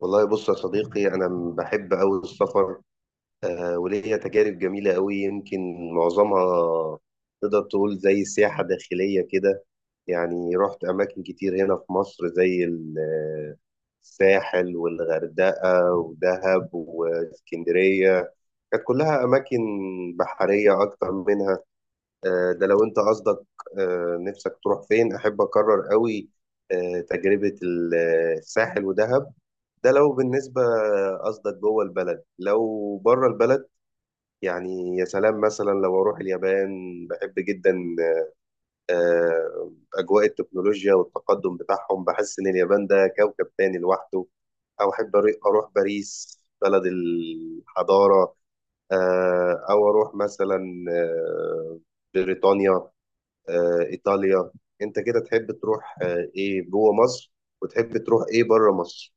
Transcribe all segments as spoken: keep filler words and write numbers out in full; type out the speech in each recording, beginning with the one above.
والله بص يا صديقي، أنا بحب أوي السفر. آه وليا تجارب جميلة أوي. يمكن معظمها تقدر تقول زي سياحة داخلية كده. يعني رحت أماكن كتير هنا في مصر زي ال- آه، الساحل والغردقة ودهب واسكندرية. كانت كلها أماكن بحرية أكتر منها. آه ده لو أنت قصدك آه نفسك تروح فين. أحب أكرر أوي آه تجربة ال- آه، الساحل ودهب. ده لو بالنسبة، قصدك جوه البلد. لو بره البلد، يعني يا سلام مثلا لو أروح اليابان، بحب جدا آه، أجواء التكنولوجيا والتقدم بتاعهم. بحس إن اليابان ده كوكب تاني لوحده. أو أحب أري- أروح باريس، بلد الحضارة. آه، أو أروح مثلا آه، بريطانيا، آه، إيطاليا. أنت كده تحب تروح آه، إيه جوه مصر، وتحب تروح إيه بره مصر؟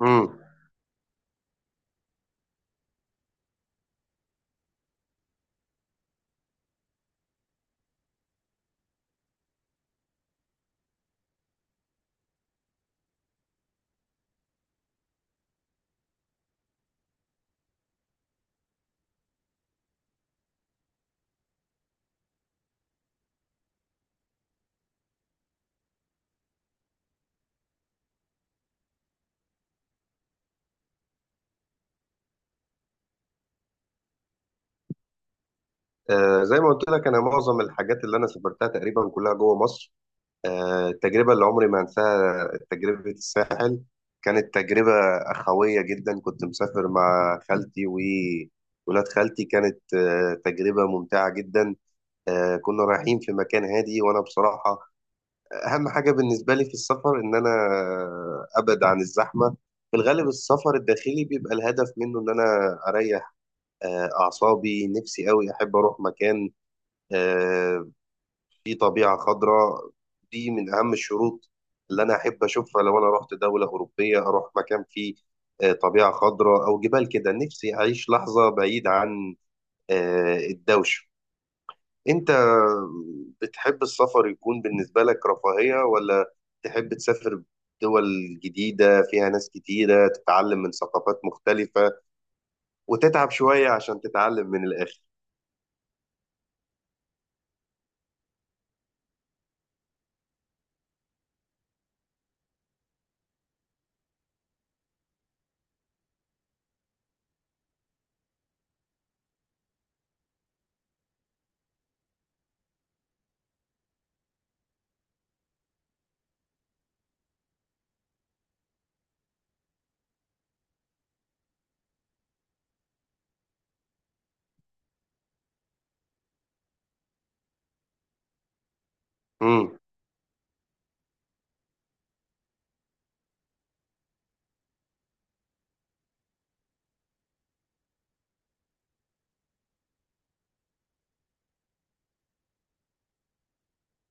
مم. آه، زي ما قلت لك، انا معظم الحاجات اللي انا سافرتها تقريبا كلها جوه مصر. آه، التجربه اللي عمري ما انساها تجربه الساحل. كانت تجربه اخويه جدا. كنت مسافر مع خالتي وولاد خالتي. كانت آه، تجربه ممتعه جدا. آه، كنا رايحين في مكان هادي، وانا بصراحه اهم حاجه بالنسبه لي في السفر ان انا آه، ابعد عن الزحمه. في الغالب السفر الداخلي بيبقى الهدف منه ان انا اريح آه، اعصابي. نفسي قوي احب اروح مكان آه، في طبيعة خضراء. دي من أهم الشروط اللي أنا أحب أشوفها. لو أنا رحت دولة أوروبية، أروح مكان فيه آه، طبيعة خضراء أو جبال كده. نفسي أعيش لحظة بعيد عن آه، الدوشة. أنت بتحب السفر يكون بالنسبة لك رفاهية، ولا تحب تسافر دول جديدة فيها ناس كتيرة، تتعلم من ثقافات مختلفة وتتعب شوية عشان تتعلم من الآخر؟ مم.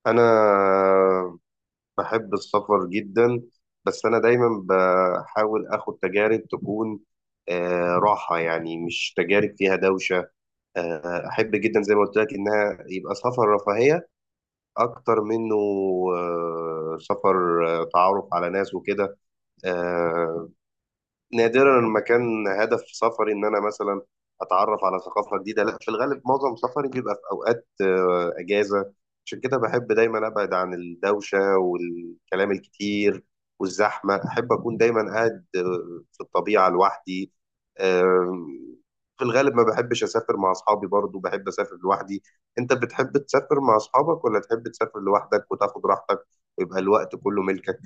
انا بحب السفر جدا، بس أنا دايما بحاول آخد تجارب تكون آه، راحة، يعني مش تجارب فيها دوشة. آه، أحب جدا، زي ما قلت لك، إنها يبقى سفر رفاهية أكتر منه آه، سفر آه، تعرف على ناس وكده. آه، نادرا ما كان هدف سفري ان انا مثلا اتعرف على ثقافه جديده. لا، في الغالب معظم سفري بيبقى في اوقات آه، اجازه. عشان كده بحب دايما ابعد عن الدوشه والكلام الكتير والزحمه. احب اكون دايما قاعد آه، في الطبيعه لوحدي. آم، في الغالب ما بحبش اسافر مع اصحابي. برضو بحب اسافر لوحدي. انت بتحب تسافر مع اصحابك، ولا تحب تسافر لوحدك وتاخد راحتك ويبقى الوقت كله ملكك؟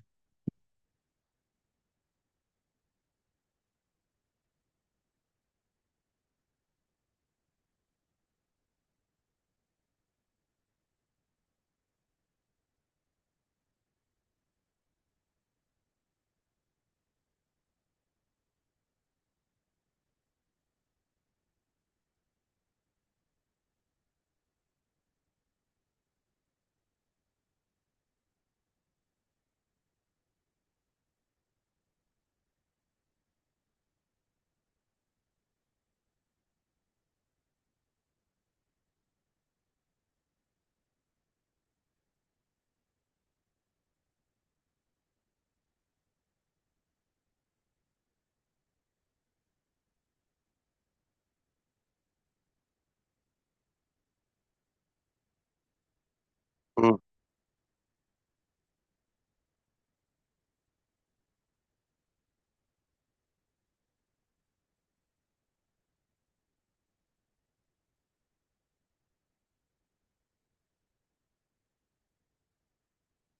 مم.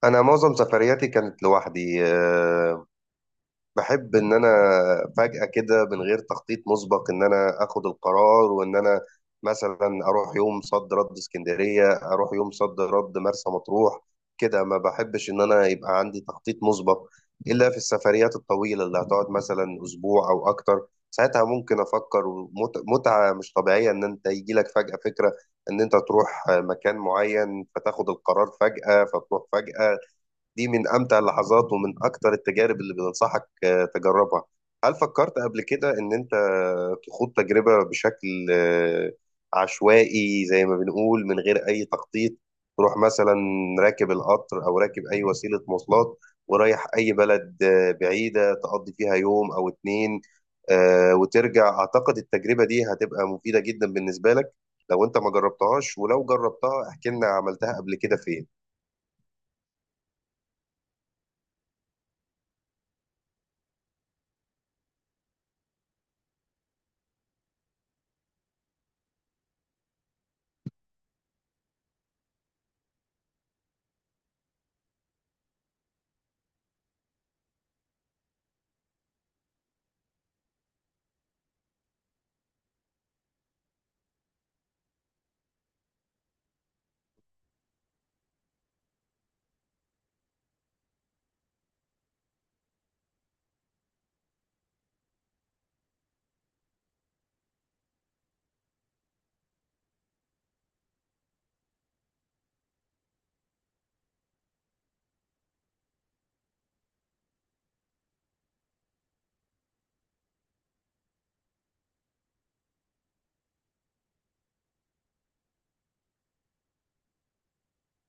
انا معظم سفرياتي كانت لوحدي. آه، بحب ان انا فجأة كده، من غير تخطيط مسبق، ان انا اخد القرار وان انا مثلا اروح يوم صد رد اسكندرية، اروح يوم صد رد مرسى مطروح كده. ما بحبش ان انا يبقى عندي تخطيط مسبق الا في السفريات الطويلة اللي هتقعد مثلا اسبوع او اكتر. ساعتها ممكن افكر. ومتعة مش طبيعية ان انت يجي لك فجأة فكرة ان انت تروح مكان معين، فتاخد القرار فجأة فتروح فجأة. دي من أمتع اللحظات ومن أكتر التجارب اللي بننصحك آه، تجربها. هل فكرت قبل كده إن أنت تخوض تجربة بشكل آه، عشوائي، زي ما بنقول، من غير أي تخطيط؟ تروح مثلا راكب القطر أو راكب أي وسيلة مواصلات ورايح أي بلد آه، بعيدة، تقضي فيها يوم أو اتنين آه، وترجع. أعتقد التجربة دي هتبقى مفيدة جدا بالنسبة لك لو أنت ما جربتهاش. ولو جربتها، احكي لنا عملتها قبل كده فين.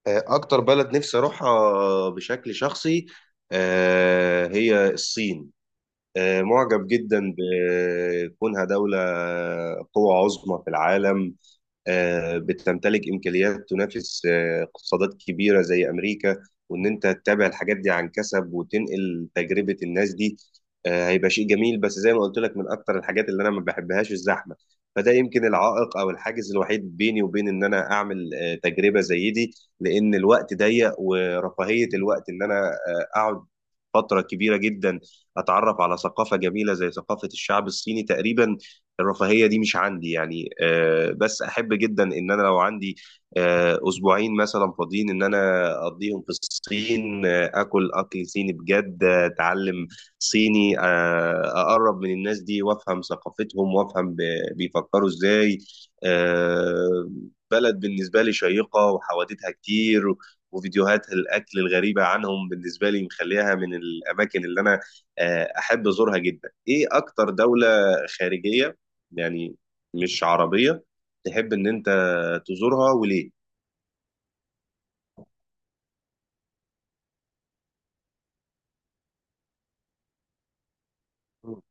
آه، أكتر بلد نفسي أروحها بشكل شخصي آه، هي الصين. آه، معجب جدا بكونها دولة قوة عظمى في العالم. آه، بتمتلك امكانيات تنافس آه، اقتصادات كبيره زي امريكا. وان انت تتابع الحاجات دي عن كسب، وتنقل تجربه الناس دي، آه، هيبقى شيء جميل. بس زي ما قلت لك، من اكتر الحاجات اللي انا ما بحبهاش الزحمه. فده يمكن العائق او الحاجز الوحيد بيني وبين ان انا اعمل آه، تجربه زي دي، لان الوقت ضيق، ورفاهيه الوقت ان انا آه، اقعد فتره كبيره جدا اتعرف على ثقافه جميله زي ثقافه الشعب الصيني تقريبا، الرفاهية دي مش عندي يعني. آه، بس أحب جدا إن أنا لو عندي آه، أسبوعين مثلا فاضيين إن أنا أقضيهم في الصين، آه، آكل أكل صيني بجد، آه، أتعلم صيني، آه، أقرب من الناس دي وأفهم ثقافتهم وأفهم ب- بيفكروا إزاي. آه، بلد بالنسبة لي شيقة وحوادثها كتير، وفيديوهات الأكل الغريبة عنهم بالنسبة لي مخليها من الأماكن اللي أنا آه، أحب أزورها جدا. إيه أكتر دولة خارجية، يعني مش عربية، تحب إن أنت تزورها وليه؟ مم.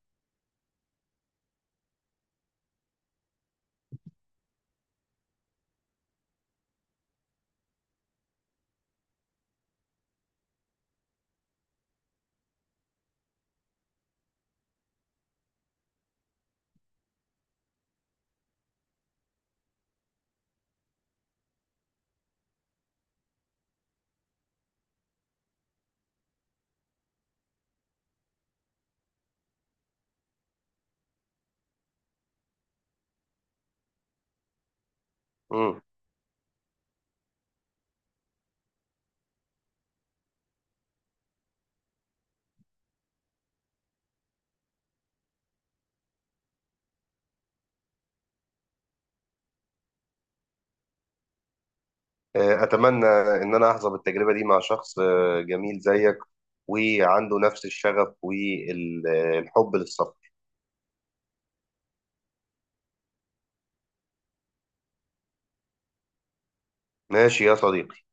مم. آه، أتمنى إن أنا أحظى بالتجربة دي مع شخص آه، جميل زيك، وعنده نفس الشغف والحب للسفر. ماشي يا صديقي.